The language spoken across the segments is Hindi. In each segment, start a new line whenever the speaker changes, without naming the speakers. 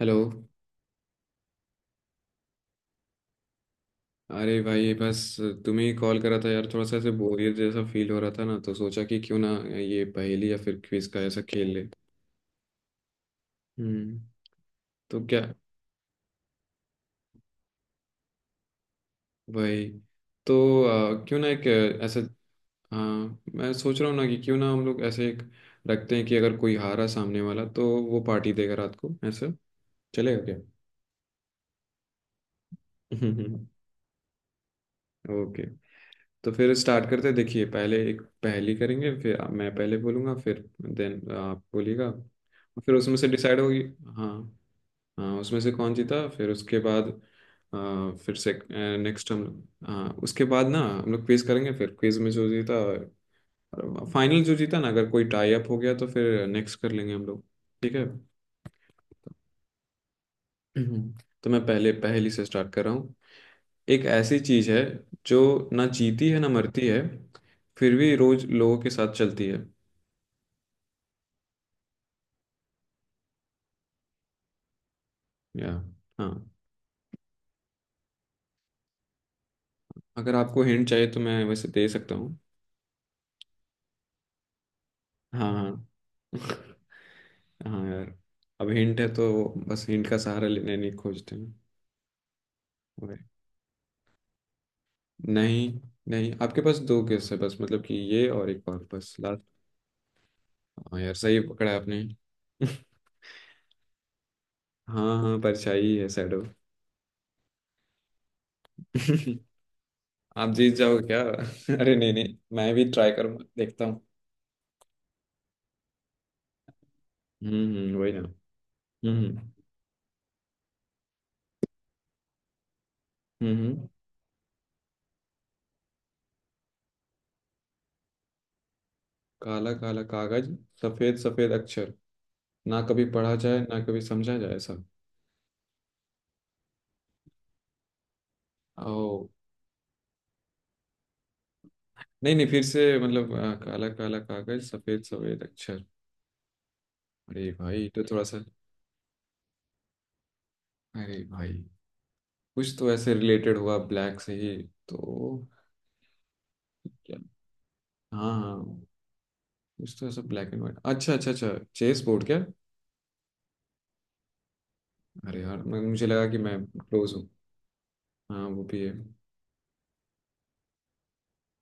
हेलो। अरे भाई बस तुम्हें ही कॉल करा था यार, थोड़ा सा ऐसे बोरियत जैसा फील हो रहा था ना, तो सोचा कि क्यों ना ये पहेली या फिर क्विज का ऐसा खेल ले। हम्म तो क्या? भाई तो क्यों ना एक ऐसा, हाँ मैं सोच रहा हूँ ना कि क्यों ना हम लोग ऐसे एक रखते हैं कि अगर कोई हारा सामने वाला तो वो पार्टी देगा रात को, ऐसा चलेगा क्या? ओके, तो फिर स्टार्ट करते हैं। देखिए पहले एक पहेली करेंगे, फिर मैं पहले बोलूँगा फिर देन आप बोलिएगा, और फिर उसमें से डिसाइड होगी। हाँ हाँ, उसमें से कौन जीता फिर उसके बाद फिर से नेक्स्ट हम लोग, हाँ उसके बाद ना हम लोग क्विज करेंगे, फिर क्विज में जो जीता, फाइनल जो जीता ना, अगर कोई टाई अप हो गया तो फिर नेक्स्ट कर लेंगे हम लोग। ठीक है। हम्म, तो मैं पहले पहेली से स्टार्ट कर रहा हूँ। एक ऐसी चीज है जो ना जीती है ना मरती है, फिर भी रोज लोगों के साथ चलती है। या, हाँ। अगर आपको हिंट चाहिए तो मैं वैसे दे सकता हूँ। हाँ हाँ। हाँ यार, अब हिंट है तो बस, हिंट का सहारा लेने नहीं खोजते हैं। ओए, नहीं। नहीं, आपके पास दो गेस है बस, मतलब कि ये और एक और बस लास्ट। हाँ यार, सही पकड़ा है आपने। हाँ हाँ, परछाई है, शैडो। आप जीत जाओगे क्या? अरे नहीं नहीं, मैं भी ट्राई करूंगा, देखता हूँ। हम्म, वही ना। हम्म हम्म हम्म, हम्म। काला काला कागज, सफेद सफेद अक्षर, ना कभी पढ़ा जाए ना कभी समझा जाए, सब। ओ, नहीं नहीं फिर से, मतलब काला काला कागज, सफेद सफेद अक्षर। अरे भाई तो थोड़ा सा, अरे भाई कुछ तो ऐसे रिलेटेड हुआ ब्लैक से ही, तो क्या? हाँ हाँ, कुछ तो ऐसा ब्लैक एंड व्हाइट, अच्छा अच्छा अच्छा। चेस बोर्ड क्या? अरे यार, मुझे लगा कि मैं क्लोज हूँ। हाँ वो भी है।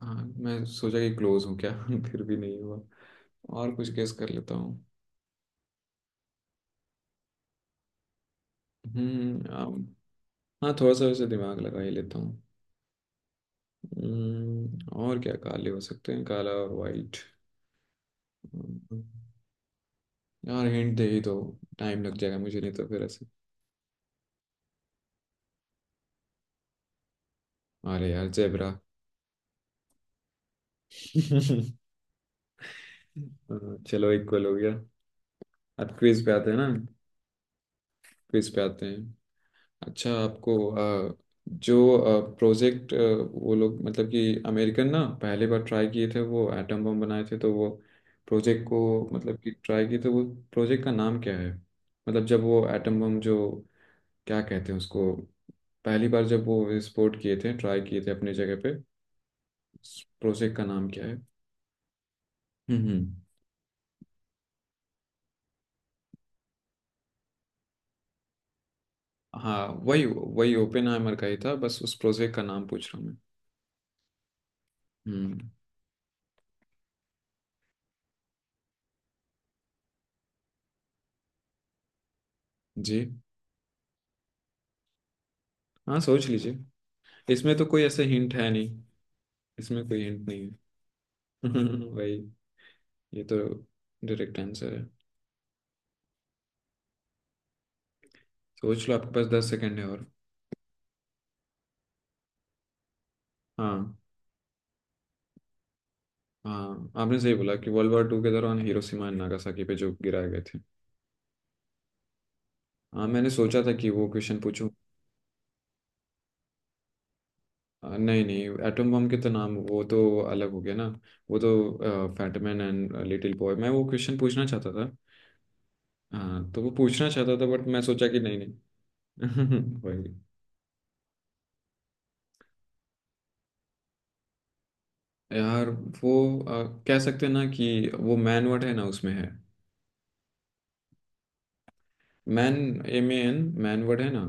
हाँ, मैं सोचा कि क्लोज हूँ क्या? फिर भी नहीं हुआ। और कुछ गेस कर लेता हूँ। हम्म आम- हाँ, थोड़ा सा वैसे दिमाग लगा ही लेता हूँ। और क्या काले हो सकते हैं, काला और वाइट। यार हिंट दे ही दो, टाइम लग जाएगा मुझे, नहीं तो फिर ऐसे। अरे यार, जेबरा। चलो इक्वल हो गया। अब क्विज पे आते हैं ना। क्विज पे आते हैं। अच्छा आपको, अ, जो प्रोजेक्ट वो लोग मतलब कि अमेरिकन ना पहले बार ट्राई किए थे, वो एटम बम बनाए थे, तो वो प्रोजेक्ट को, मतलब कि ट्राई किए थे वो, प्रोजेक्ट का नाम क्या है? मतलब जब वो एटम बम जो, क्या कहते हैं उसको, पहली बार जब वो एक्सपोर्ट किए थे, ट्राई किए थे अपनी जगह पे, प्रोजेक्ट का नाम क्या है? हम्म। हाँ वही वही, ओपन हाइमर का ही था, बस उस प्रोजेक्ट का नाम पूछ रहा हूँ मैं। हम्म, जी। हाँ, सोच लीजिए। इसमें तो कोई ऐसे हिंट है नहीं, इसमें कोई हिंट नहीं है। वही, ये तो डायरेक्ट आंसर है। सोच लो, आपके पास 10 सेकेंड है, और हाँ। हाँ, आपने सही बोला कि वर्ल्ड वार टू के दौरान हिरोशिमा एंड नागासाकी पे जो गिराए गए थे। हाँ मैंने सोचा था कि वो क्वेश्चन पूछूं। नहीं नहीं, एटम बम के तो नाम वो तो अलग हो गया ना, वो तो फैटमैन एंड लिटिल बॉय, मैं वो क्वेश्चन पूछना चाहता था। हाँ तो वो पूछना चाहता था, बट मैं सोचा कि नहीं नहीं। वही। यार वो कह सकते हैं ना कि वो मैन वर्ड है ना उसमें है। Man, M A N, man word है ना,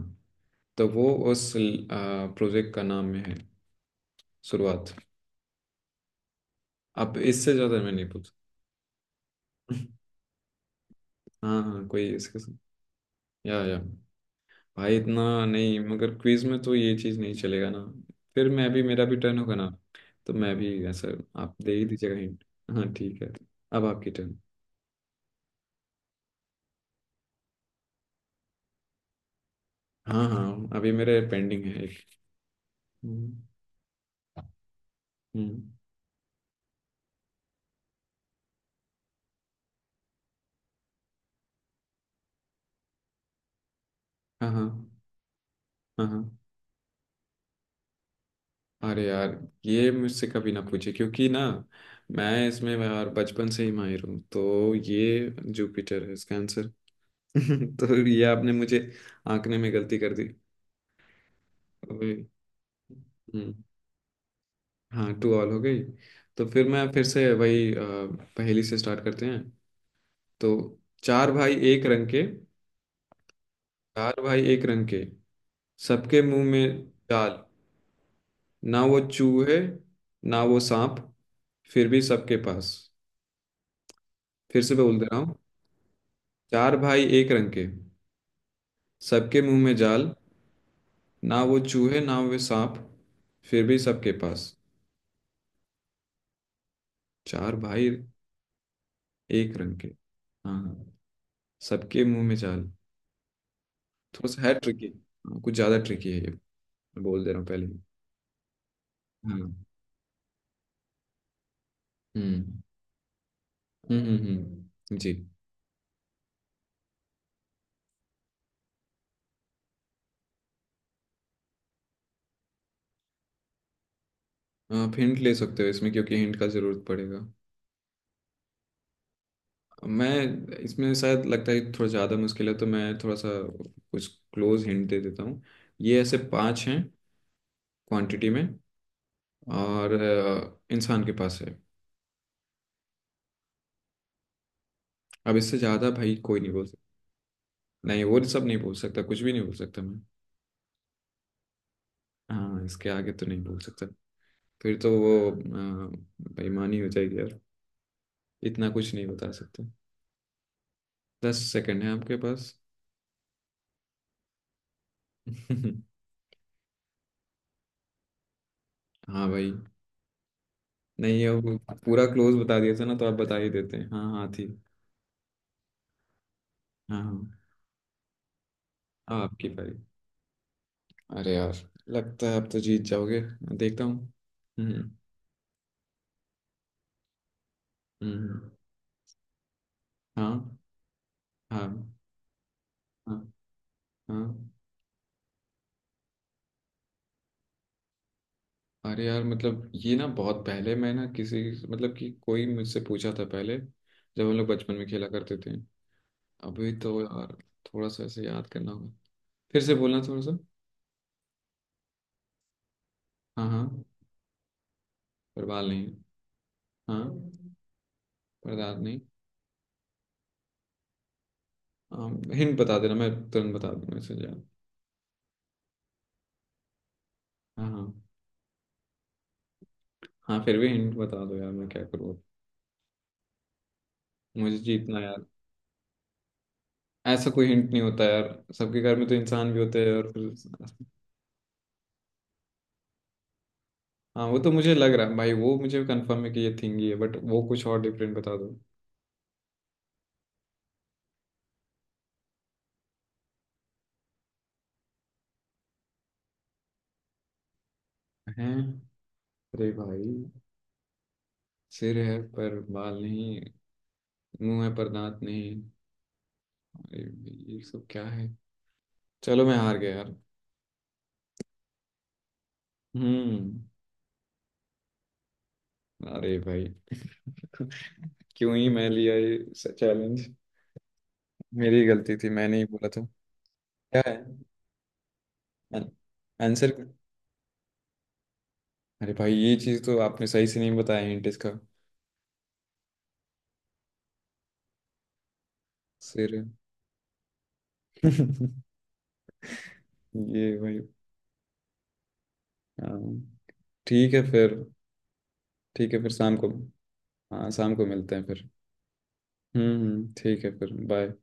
तो वो उस प्रोजेक्ट का नाम में है, शुरुआत। अब इससे ज़्यादा मैं नहीं पूछ। हाँ हाँ, कोई या, भाई इतना नहीं, मगर क्विज में तो ये चीज नहीं चलेगा ना, फिर मैं भी, मेरा भी टर्न होगा ना, तो मैं भी ऐसा, आप दे ही दीजिएगा हिंट। हाँ ठीक है। अब आपकी टर्न। हाँ हाँ, अभी मेरे पेंडिंग है एक। हम्म हम्म, हाँ। हाँ हाँ हाँ। अरे यार, ये मुझसे कभी ना पूछे, क्योंकि ना मैं इसमें यार बचपन से ही माहिर हूँ, तो ये जुपिटर है इसका आंसर। तो ये आपने मुझे आंकने में गलती कर दी। अबे, हम्म। हाँ, टू ऑल हो गई। तो फिर मैं फिर से वही पहेली से स्टार्ट करते हैं। तो, चार भाई एक रंग के। चार भाई एक रंग के, सबके मुंह में जाल, ना वो चूहे ना वो सांप, फिर भी सबके पास। फिर से बोल दे रहा हूँ। चार भाई एक रंग के, सबके मुंह में जाल, ना वो चूहे ना वो सांप, फिर भी सबके पास। चार भाई एक रंग के, हाँ हाँ, सबके मुंह में जाल। थोड़ा सा है ट्रिकी, कुछ ज्यादा ट्रिकी है ये, मैं बोल दे रहा हूँ पहले ही। हाँ। हम्म जी। आप हिंट ले सकते हो इसमें, क्योंकि हिंट का ज़रूरत पड़ेगा। मैं, इसमें शायद लगता है कि थोड़ा ज़्यादा मुश्किल है, तो मैं थोड़ा सा कुछ क्लोज हिंट दे देता हूँ। ये ऐसे पांच हैं क्वांटिटी में, और इंसान के पास है। अब इससे ज़्यादा भाई कोई नहीं बोल सकता। नहीं, वो सब नहीं बोल सकता, कुछ भी नहीं बोल सकता मैं। हाँ, इसके आगे तो नहीं बोल सकता, फिर तो वो बेईमानी हो जाएगी यार, इतना कुछ नहीं बता सकते। 10 सेकंड है आपके पास। हाँ भाई। नहीं, अब पूरा क्लोज बता दिया था ना, तो आप बता ही देते हैं। हाँ हाँ, थी। हाँ हाँ। हाँ, आपकी पारी। अरे यार, लगता है आप तो जीत जाओगे। देखता हूँ। हम्म हम्म हम्म। हाँ। हाँ। हाँ। हाँ। अरे यार, मतलब ये ना बहुत पहले मैं ना किसी, मतलब कि कोई मुझसे पूछा था पहले, जब हम लोग बचपन में खेला करते थे। अभी तो यार, थोड़ा सा ऐसे याद करना होगा। फिर से बोलना थोड़ा सा। हाँ हाँ। परवाल नहीं है। हाँ। परदाद नहीं। हिंट बता देना, मैं तुरंत बता दूंगा इसे यार। हाँ हाँ। हाँ, फिर भी हिंट बता दो यार, मैं क्या करूँ, मुझे जीतना यार। ऐसा कोई हिंट नहीं होता यार, सबके घर में तो इंसान भी होते हैं, और फिर हाँ, वो तो मुझे लग रहा है भाई, वो मुझे कंफर्म है कि ये थिंग ही है, बट वो कुछ और डिफरेंट बता दो। हैं? अरे भाई, सिर है पर बाल नहीं, मुंह है पर दांत नहीं, अरे भाई, ये सब क्या है? चलो मैं हार गया यार। हम्म। अरे भाई। क्यों ही मैं लिया ये चैलेंज, मेरी गलती थी, मैंने ही बोला था। क्या है आंसर? अरे भाई, ये चीज तो आपने सही से नहीं बताया, हिंट इसका। सिर। ये भाई। हाँ, ठीक है फिर, ठीक है फिर शाम को। हाँ, शाम को मिलते हैं फिर। ठीक है फिर, बाय।